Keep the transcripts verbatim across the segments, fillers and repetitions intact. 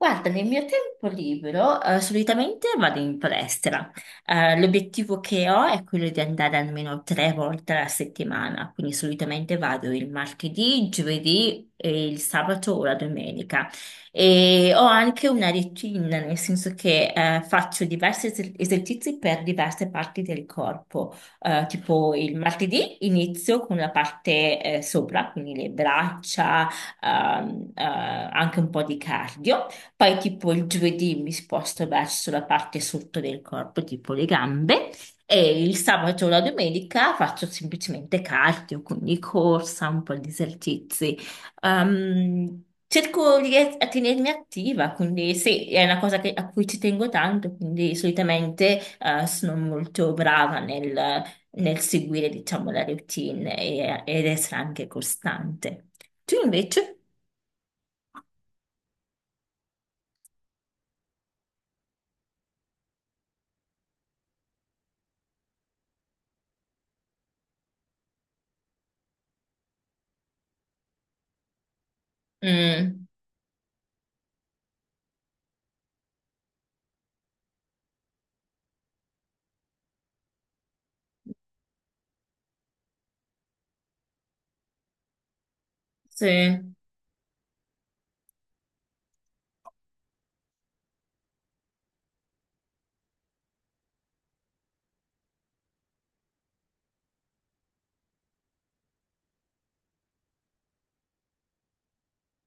Guarda, nel mio tempo libero, eh, solitamente vado in palestra. Eh, l'obiettivo che ho è quello di andare almeno tre volte alla settimana, quindi solitamente vado il martedì, il giovedì e il sabato o la domenica. E ho anche una routine, nel senso che eh, faccio diversi es- esercizi per diverse parti del corpo. Eh, tipo il martedì inizio con la parte eh, sopra, quindi le braccia, ehm, eh, anche un po' di cardio. Poi tipo il giovedì mi sposto verso la parte sotto del corpo, tipo le gambe, e il sabato o la domenica faccio semplicemente cardio, quindi corsa, un po' di esercizi. Ehm, cerco di ries- a tenermi attiva, quindi sì, è una cosa che- a cui ci tengo tanto, quindi solitamente eh, sono molto brava nel, nel seguire, diciamo, la routine e, ed essere anche costante. Tu invece? Mm, sì.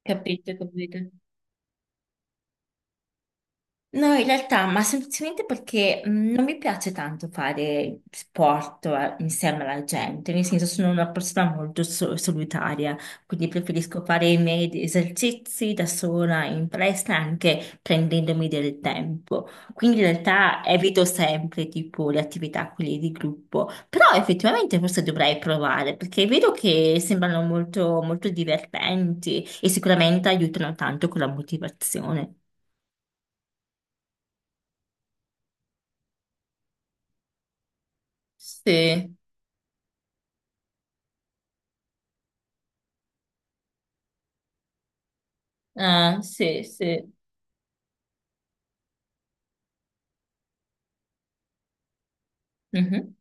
Capito, capito. No, in realtà, ma semplicemente perché mh, non mi piace tanto fare sport eh, insieme alla gente, nel senso sono una persona molto so- solitaria, quindi preferisco fare i miei esercizi da sola in palestra anche prendendomi del tempo. Quindi in realtà evito sempre tipo le attività quelle di gruppo, però effettivamente forse dovrei provare perché vedo che sembrano molto, molto divertenti e sicuramente aiutano tanto con la motivazione. Sì, eh, sì, sì. Mhm,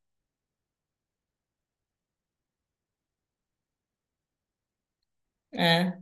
eh,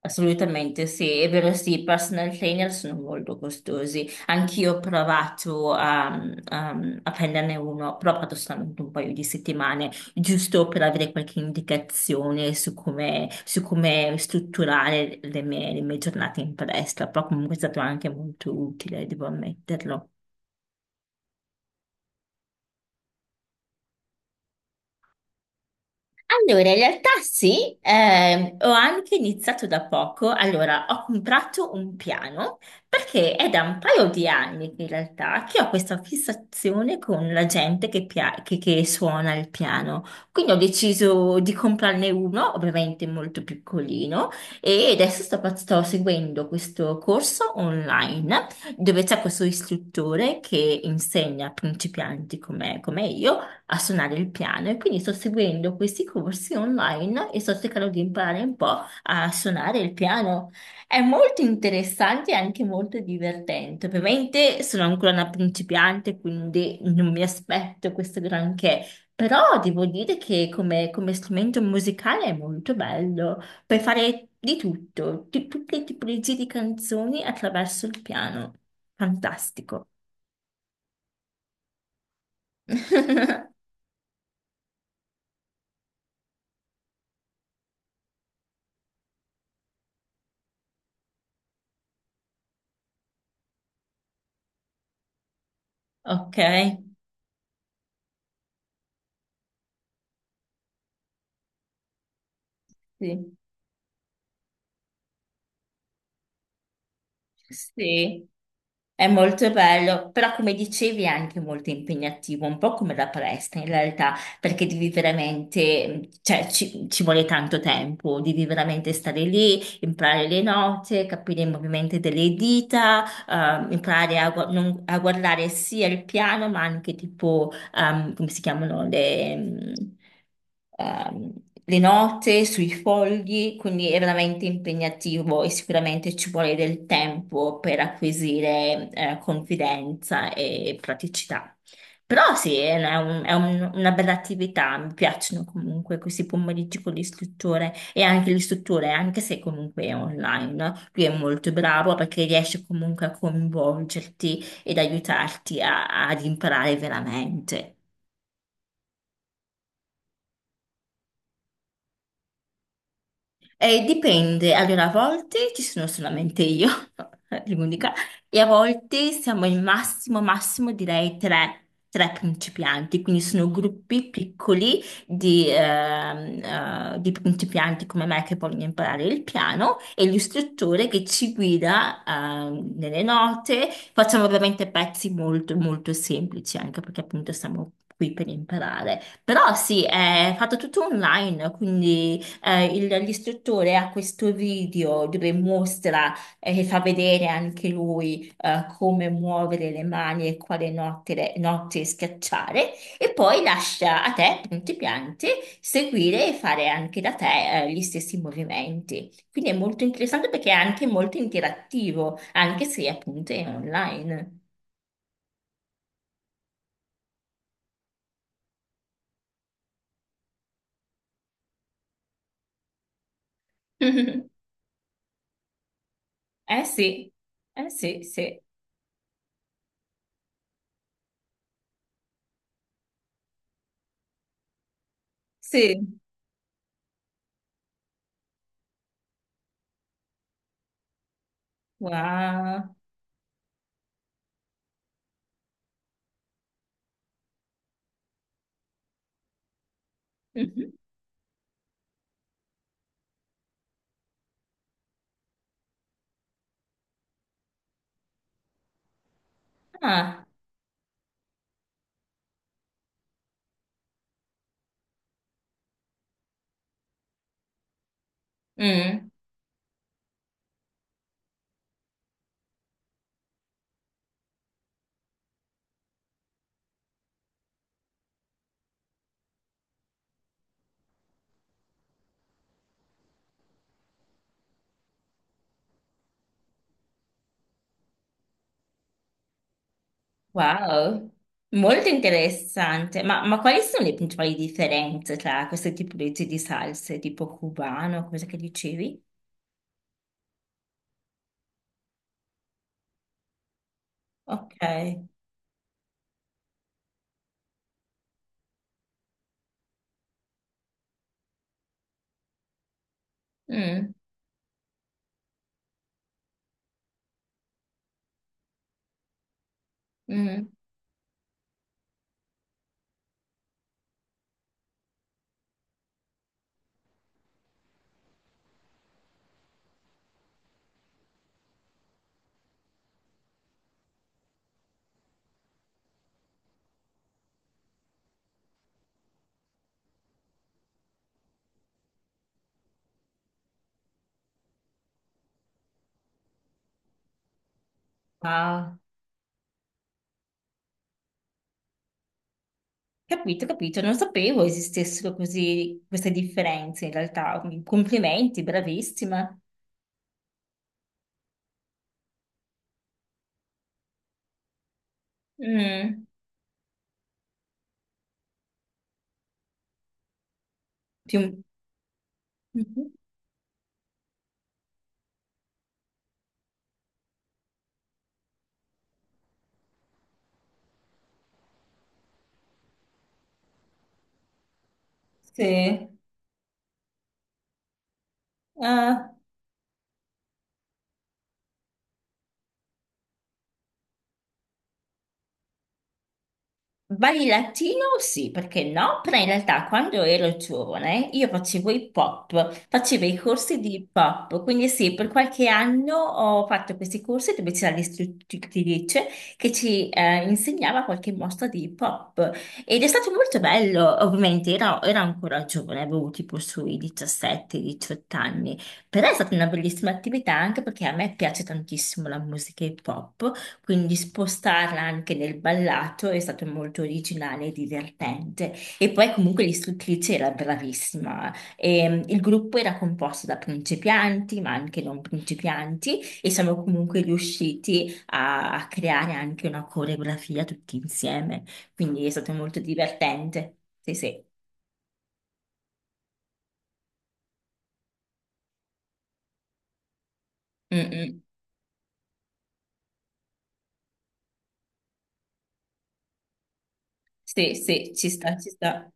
assolutamente sì, è vero sì, i personal trainer sono molto costosi, anch'io ho provato a, a- a prenderne uno, però ho fatto solamente un paio di settimane, giusto per avere qualche indicazione su come, su come strutturare le mie, le mie giornate in palestra, però comunque è stato anche molto utile, devo ammetterlo. Allora, in realtà sì, ehm, ho anche iniziato da poco. Allora, ho comprato un piano perché è da un paio di anni che in realtà che ho questa fissazione con la gente che, pia- che- che suona il piano. Quindi ho deciso di comprarne uno, ovviamente molto piccolino, e adesso sto, pa- sto seguendo questo corso online dove c'è questo istruttore che insegna a principianti come come io a suonare il piano e quindi sto seguendo questi corsi online e sto cercando di imparare un po' a suonare il piano. È molto interessante e anche molto divertente. Ovviamente sono ancora una principiante, quindi non mi aspetto questo granché. Però devo dire che come, come strumento musicale è molto bello. Puoi fare di tutto, di tutte le tipologie di canzoni attraverso il piano. Fantastico. Ok, sì. Sì, è molto bello, però come dicevi è anche molto impegnativo, un po' come la palestra in realtà, perché devi veramente, cioè ci, ci vuole tanto tempo, devi veramente stare lì, imparare le note, capire i movimenti delle dita, eh, imparare a, gu- non- a guardare sia il piano ma anche tipo ehm, come si chiamano, le, mm, ehm, le note sui fogli, quindi è veramente impegnativo e sicuramente ci vuole del tempo per acquisire eh, confidenza e praticità. Però sì, è un- è un- una bella attività, mi piacciono comunque questi pomeriggi con l'istruttore e anche l'istruttore, anche se comunque è online, no? Lui è molto bravo perché riesce comunque a coinvolgerti ed aiutarti a- ad imparare veramente. Eh, dipende, allora a volte ci sono solamente io, l'unica, e a volte siamo il massimo, massimo direi tre, tre principianti, quindi sono gruppi piccoli di, ehm, eh, di principianti come me che vogliono imparare il piano e l'istruttore che ci guida, ehm, nelle note. Facciamo veramente pezzi molto, molto semplici, anche perché appunto siamo qui per imparare. Però sì, è fatto tutto online, quindi… Eh, il- l'istruttore ha questo video dove mostra eh, e fa vedere anche lui eh, come muovere le mani e quale notte, notte schiacciare e poi lascia a te, principiante, seguire e fare anche da te eh, gli stessi movimenti. Quindi è molto interessante perché è anche molto interattivo, anche se appunto è online. Eh sì, eh sì, sì, sì. Wow. Mhm. Ah. Mm. Wow, molto interessante. Ma, ma quali sono le principali differenze tra queste tipologie di salse, tipo cubano, cosa che dicevi? Ok. Mm, mm. Ah, capito, capito. Non sapevo esistessero così queste differenze in realtà. Complimenti, bravissima. Mm. Più... Mhm. Sì. Ah, balli latino? Sì, perché no? Però in realtà quando ero giovane io facevo hip hop, facevo i corsi di hip hop, quindi sì, per qualche anno ho fatto questi corsi dove c'era l'istruttrice che ci eh, insegnava qualche mossa di hip hop ed è stato molto bello, ovviamente ero, ero ancora giovane, avevo tipo sui diciassette diciotto anni, però è stata una bellissima attività anche perché a me piace tantissimo la musica hip hop. Quindi spostarla anche nel ballato è stato molto originale e divertente. E poi comunque l'istruttrice era bravissima. E, il gruppo era composto da principianti, ma anche non principianti, e siamo comunque riusciti a, a creare anche una coreografia tutti insieme. Quindi è stato molto divertente. Sì, sì. Mm, mm. Sì, sì, ci sta, ci sta.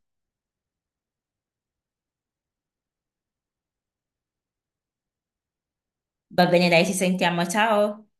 Va bene, dai, ci sentiamo. Ciao.